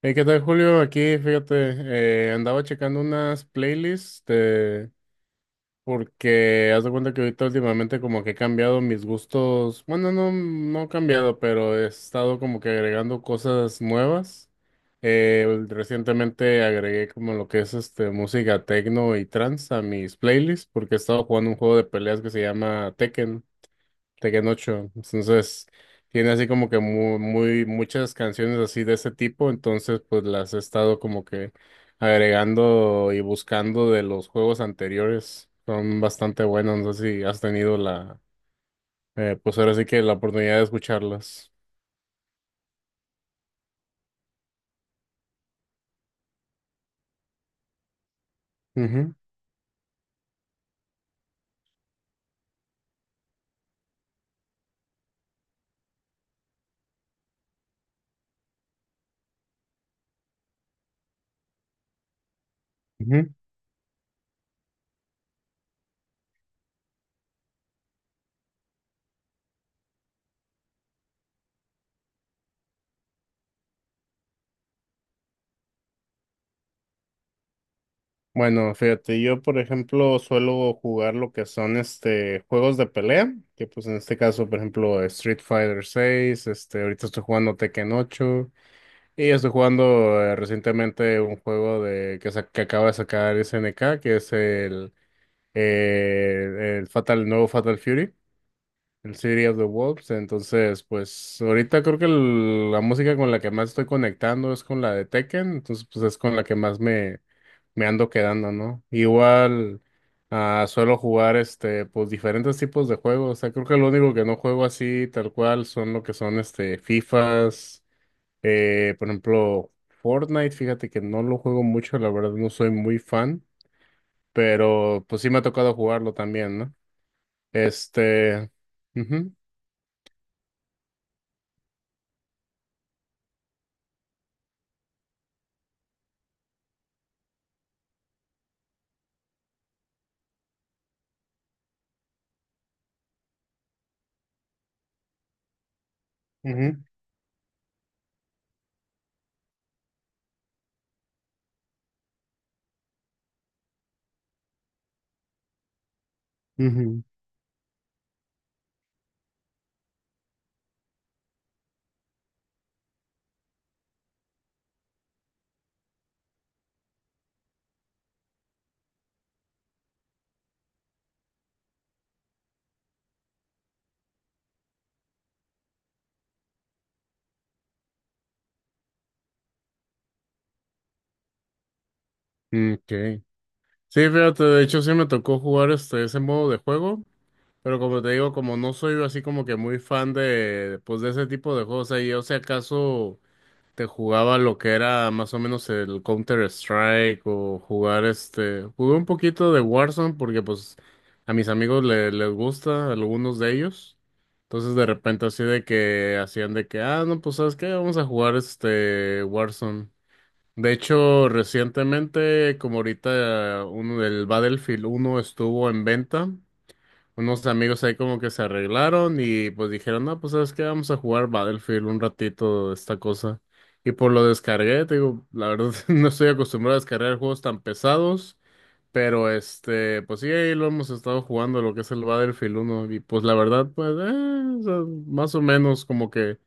Hey, ¿qué tal, Julio? Aquí, fíjate, andaba checando unas playlists porque haz de cuenta que ahorita últimamente como que he cambiado mis gustos. Bueno, no, no he cambiado, pero he estado como que agregando cosas nuevas. Recientemente agregué como lo que es este música techno y trance a mis playlists porque he estado jugando un juego de peleas que se llama Tekken. Tekken 8. Entonces, tiene así como que muy, muy, muchas canciones así de ese tipo. Entonces, pues las he estado como que agregando y buscando de los juegos anteriores. Son bastante buenos. No sé si has tenido la, pues ahora sí que la oportunidad de escucharlas. Ujú, ujú. Bueno, fíjate, yo por ejemplo suelo jugar lo que son este juegos de pelea, que pues en este caso, por ejemplo, Street Fighter 6, este, ahorita estoy jugando Tekken 8. Y estoy jugando recientemente un juego de que, que acaba de sacar SNK, que es el Fatal, el nuevo Fatal Fury, el City of the Wolves. Entonces, pues ahorita creo que la música con la que más estoy conectando es con la de Tekken, entonces pues es con la que más me ando quedando, ¿no? Igual suelo jugar este, pues diferentes tipos de juegos. O sea, creo que lo único que no juego así tal cual son lo que son este FIFAs. Por ejemplo, Fortnite, fíjate que no lo juego mucho, la verdad no soy muy fan, pero pues sí me ha tocado jugarlo también, ¿no? Este. Ujú, ujú, ujú. Okay. Sí, fíjate, de hecho sí me tocó jugar este, ese modo de juego, pero como te digo, como no soy así como que muy fan de, pues de ese tipo de juegos, ahí, o sea, acaso. Te jugaba lo que era más o menos el Counter-Strike o jugar este, jugué un poquito de Warzone porque pues a mis amigos les gusta, a algunos de ellos. Entonces de repente así de que hacían de que, ah, no, pues ¿sabes qué? Vamos a jugar este Warzone. De hecho, recientemente, como ahorita uno del Battlefield 1 estuvo en venta, unos amigos ahí como que se arreglaron y pues dijeron, no, pues sabes qué, vamos a jugar Battlefield un ratito, esta cosa. Y pues lo descargué, te digo, la verdad no estoy acostumbrado a descargar juegos tan pesados, pero este, pues sí, ahí lo hemos estado jugando, lo que es el Battlefield 1. Y pues la verdad, pues, o sea, más o menos como que,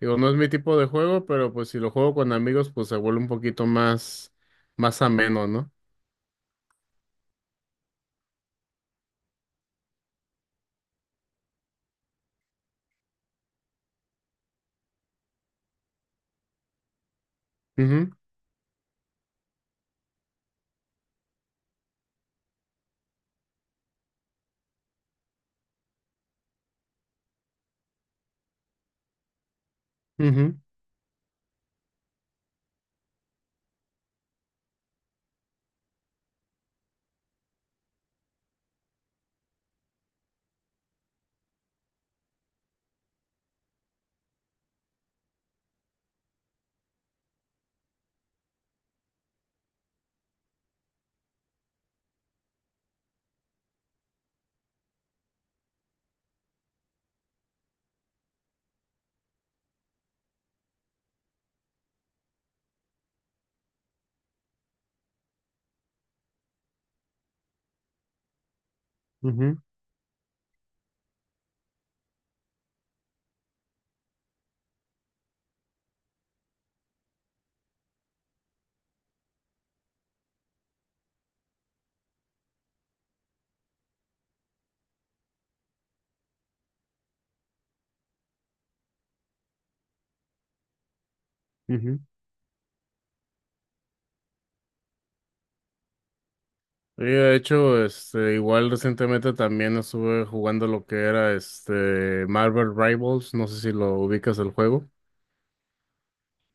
digo, no es mi tipo de juego, pero pues si lo juego con amigos, pues se vuelve un poquito más, más ameno, ¿no? Ujú, ujú, ujú, ujú. Y de hecho, este, igual recientemente también estuve jugando lo que era este Marvel Rivals, no sé si lo ubicas el juego.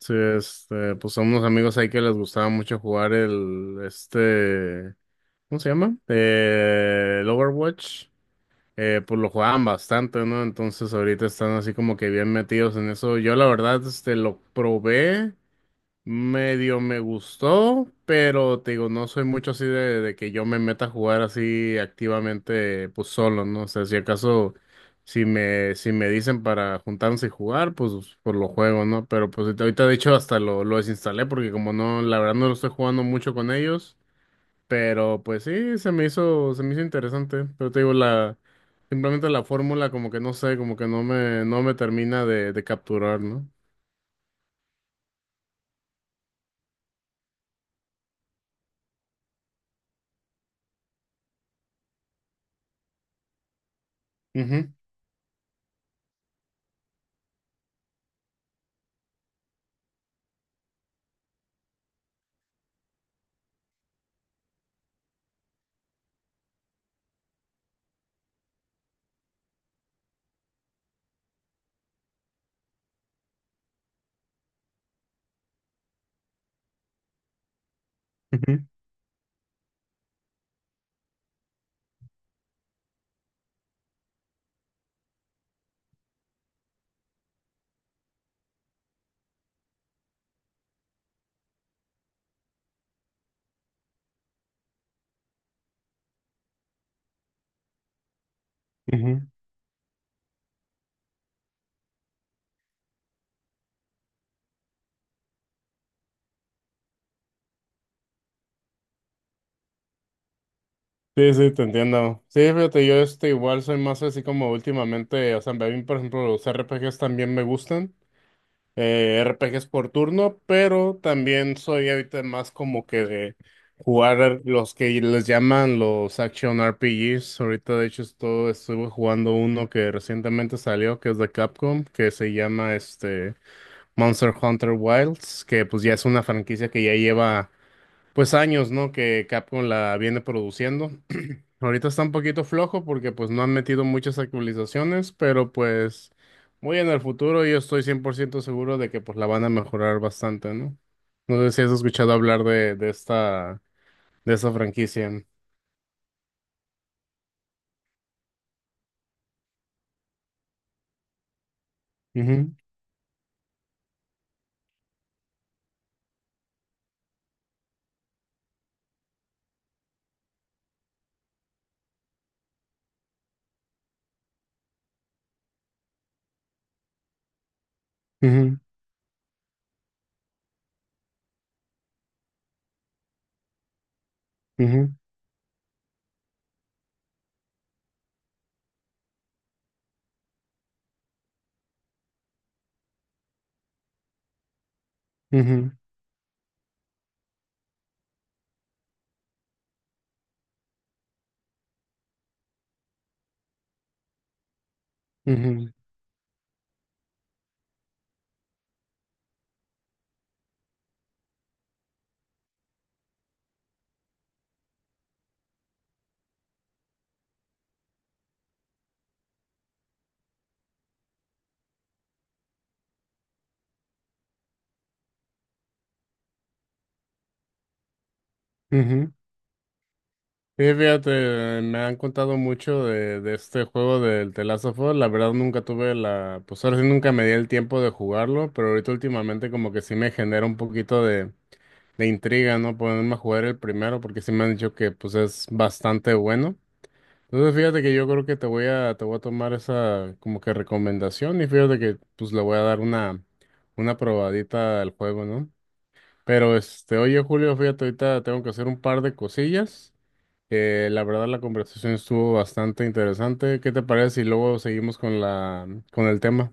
Sí, este, pues son unos amigos ahí que les gustaba mucho jugar el, este, ¿cómo se llama? El Overwatch. Pues lo jugaban bastante, ¿no? Entonces ahorita están así como que bien metidos en eso. Yo la verdad, este, lo probé. Medio me gustó, pero te digo, no soy mucho así de que yo me meta a jugar así activamente, pues solo, ¿no? O sea, si acaso, si me dicen para juntarnos y jugar, pues por lo juego, ¿no? Pero pues ahorita, de hecho hasta lo desinstalé porque como no, la verdad no lo estoy jugando mucho con ellos, pero pues sí, se me hizo interesante, pero te digo, la, simplemente la fórmula como que no sé, como que no me termina de capturar, no. Ujú, ujú, ujú. Sí, sí, te entiendo. Sí, fíjate, yo este igual soy más así como últimamente, o sea, a mí, por ejemplo, los RPGs también me gustan, RPGs por turno, pero también soy ahorita más como que de jugar los que les llaman los Action RPGs. Ahorita, de hecho, estoy, estuve jugando uno que recientemente salió, que es de Capcom, que se llama este Monster Hunter Wilds, que pues ya es una franquicia que ya lleva, pues, años, ¿no? Que Capcom la viene produciendo. Ahorita está un poquito flojo porque pues no han metido muchas actualizaciones, pero pues muy en el futuro yo estoy 100% seguro de que pues la van a mejorar bastante, ¿no? No sé si has escuchado hablar de esta franquicia. Ujú, ujú, ujú, ujú, ujú, ujú. Sí, fíjate, me han contado mucho de este juego del The Last of Us. La verdad nunca tuve la, pues ahora sí nunca me di el tiempo de jugarlo, pero ahorita últimamente como que sí me genera un poquito de. Me intriga no ponerme a jugar el primero porque sí me han dicho que pues es bastante bueno. Entonces fíjate que yo creo que te voy a tomar esa como que recomendación y fíjate que pues le voy a dar una probadita al juego, ¿no? Pero este, oye Julio, fíjate, ahorita tengo que hacer un par de cosillas. La verdad la conversación estuvo bastante interesante. ¿Qué te parece si luego seguimos con el tema?